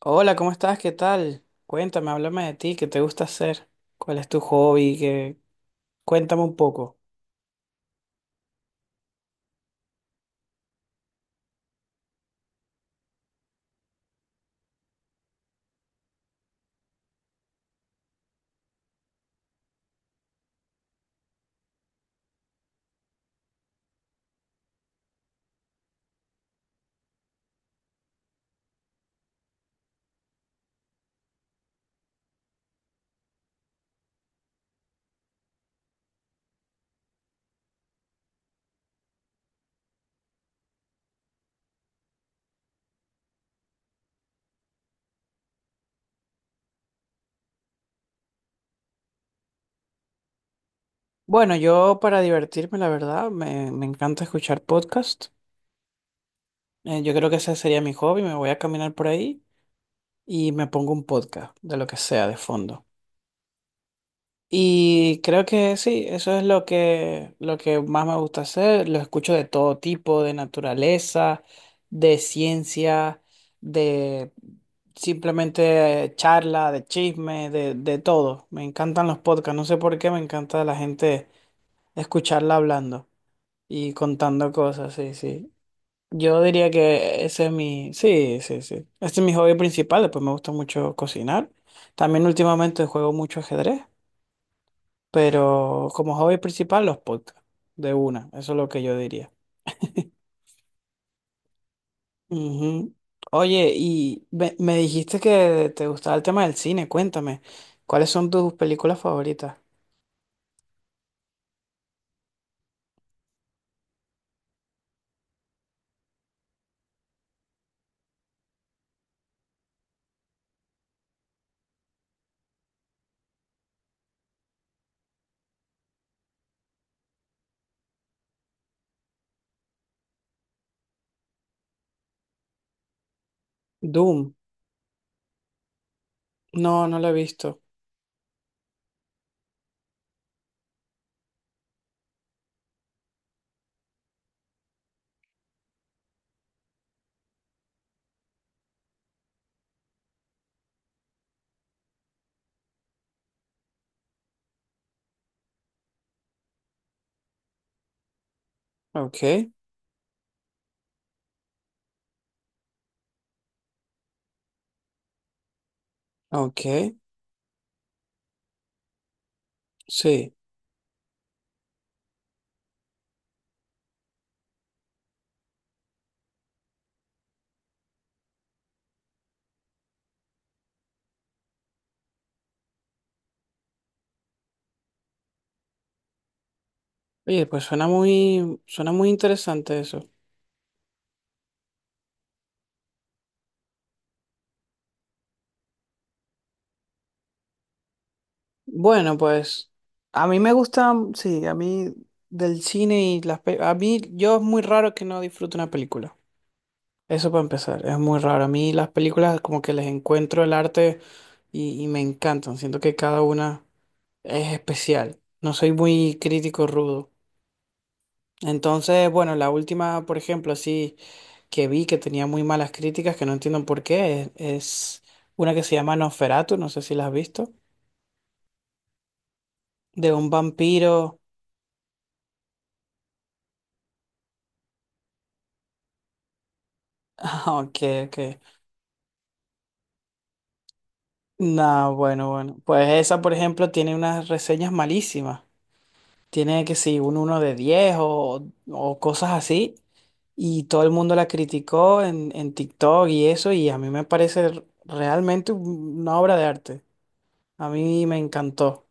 Hola, ¿cómo estás? ¿Qué tal? Cuéntame, háblame de ti, ¿qué te gusta hacer? ¿Cuál es tu hobby? ¿Qué- Cuéntame un poco. Bueno, yo para divertirme, la verdad, me encanta escuchar podcast. Yo creo que ese sería mi hobby, me voy a caminar por ahí y me pongo un podcast, de lo que sea, de fondo. Y creo que sí, eso es lo que más me gusta hacer. Lo escucho de todo tipo, de naturaleza, de ciencia, de simplemente charla, de chisme, de todo. Me encantan los podcasts, no sé por qué me encanta la gente escucharla hablando y contando cosas, sí, sí. Yo diría que ese es mi, sí, sí, sí. Este es mi hobby principal, después me gusta mucho cocinar. También últimamente juego mucho ajedrez. Pero como hobby principal, los podcasts, de una, eso es lo que yo diría. Ujú. Oye, y me dijiste que te gustaba el tema del cine, cuéntame, ¿cuáles son tus películas favoritas? Doom, no, no la he visto. Ok, ok, sí. Oye, pues suena muy interesante eso. Bueno, pues a mí me gusta, sí, a mí del cine y las... pe- A mí, yo es muy raro que no disfrute una película. Eso para empezar, es muy raro. A mí las películas como que les encuentro el arte y me encantan. Siento que cada una es especial. No soy muy crítico rudo. Entonces, bueno, la última, por ejemplo, así que vi que tenía muy malas críticas, que no entiendo por qué, es una que se llama Nosferatu, no sé si la has visto, de un vampiro. Ah, ok, ok. No, bueno, bueno. Pues esa, por ejemplo, tiene unas reseñas malísimas. Tiene que si un uno de 10 o cosas así. Y todo el mundo la criticó en TikTok y eso, y a mí me parece realmente una obra de arte. A mí me encantó,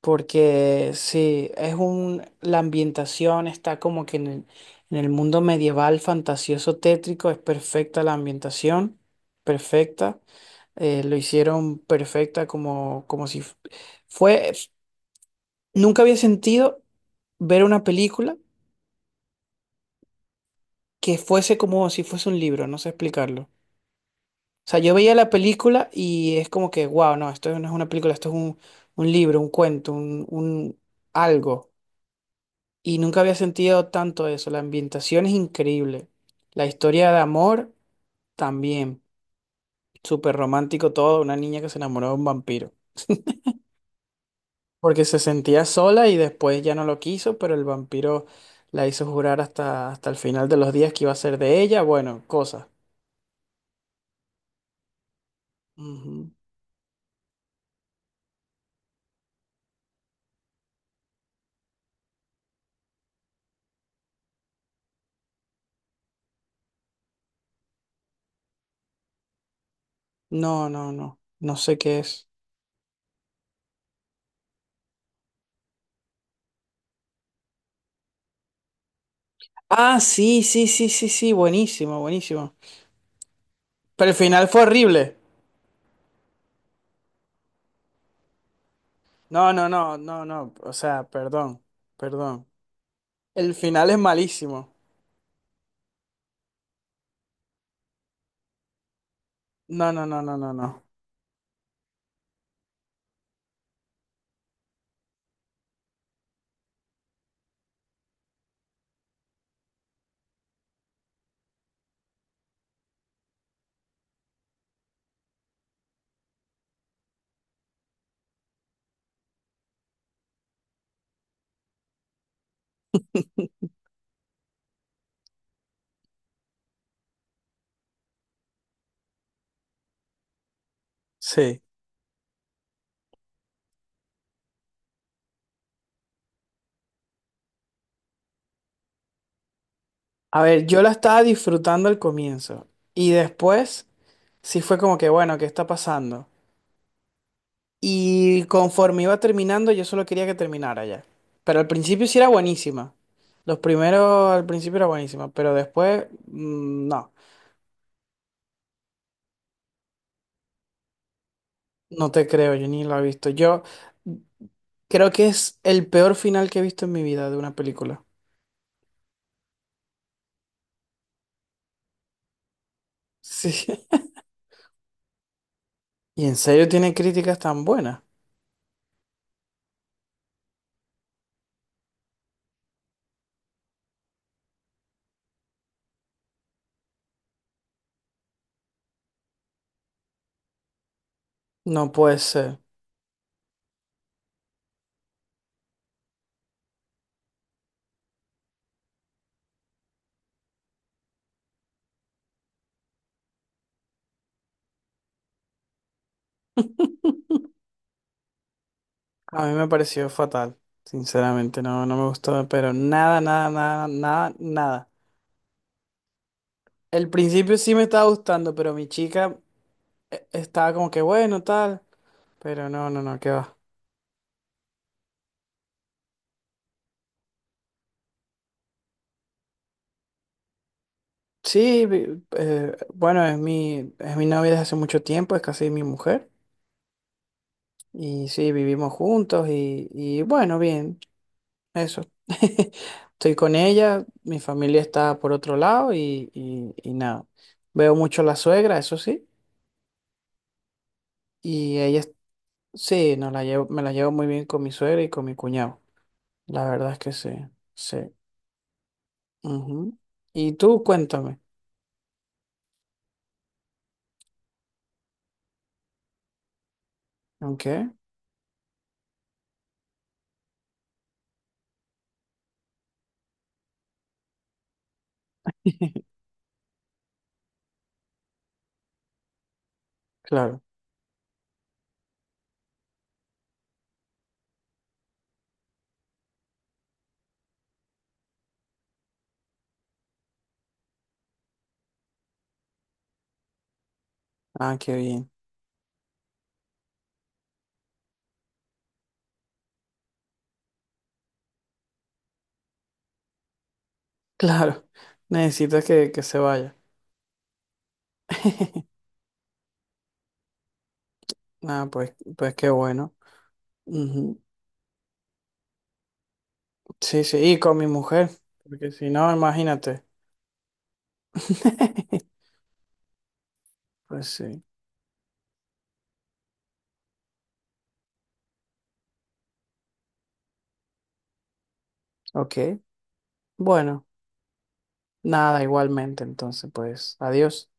porque sí, es un, la ambientación está como que en el mundo medieval fantasioso tétrico, es perfecta la ambientación, perfecta. Lo hicieron perfecta como, como si fue, nunca había sentido ver una película que fuese como si fuese un libro, no sé explicarlo. O sea, yo veía la película y es como que, wow, no, esto no es una película, esto es un libro, un cuento, un algo. Y nunca había sentido tanto eso. La ambientación es increíble. La historia de amor también. Súper romántico todo, una niña que se enamoró de un vampiro. Porque se sentía sola y después ya no lo quiso, pero el vampiro la hizo jurar hasta, hasta el final de los días que iba a ser de ella. Bueno, cosas. Ujú. No, no, no. No sé qué es. Ah, sí, sí, sí, sí, sí. Buenísimo, buenísimo. Pero el final fue horrible. No, no, no, no, no. O sea, perdón, perdón. El final es malísimo. No, no, no, no, no, no. Sí. A ver, yo la estaba disfrutando al comienzo. Y después sí fue como que, bueno, ¿qué está pasando? Y conforme iba terminando, yo solo quería que terminara ya. Pero al principio sí era buenísima. Los primeros al principio era buenísima, pero después, no. No te creo, yo ni la he visto. Yo creo que es el peor final que he visto en mi vida de una película. Sí. ¿Y en serio tiene críticas tan buenas? No puede ser. A mí me pareció fatal, sinceramente, no, no me gustó, pero nada, nada, nada, nada, nada. El principio sí me estaba gustando, pero mi chica estaba como que bueno, tal, pero no, no, no, qué va. Sí, bueno, es mi novia desde hace mucho tiempo, es casi mi mujer. Y sí, vivimos juntos y bueno, bien, eso. Estoy con ella, mi familia está por otro lado y, y nada. Veo mucho a la suegra, eso sí, y ella, es- sí, nos la llevo, me la llevo muy bien con mi suegra y con mi cuñado. La verdad es que sí, sí. Ujú. Y tú cuéntame, ¿ok? Claro, ah, qué bien. Claro, necesitas que se vaya. Ah, pues, pues qué bueno. Ujú. Sí, sí, y con mi mujer, porque si no, imagínate. Pues sí, ok. Bueno, nada, igualmente, entonces, pues, adiós.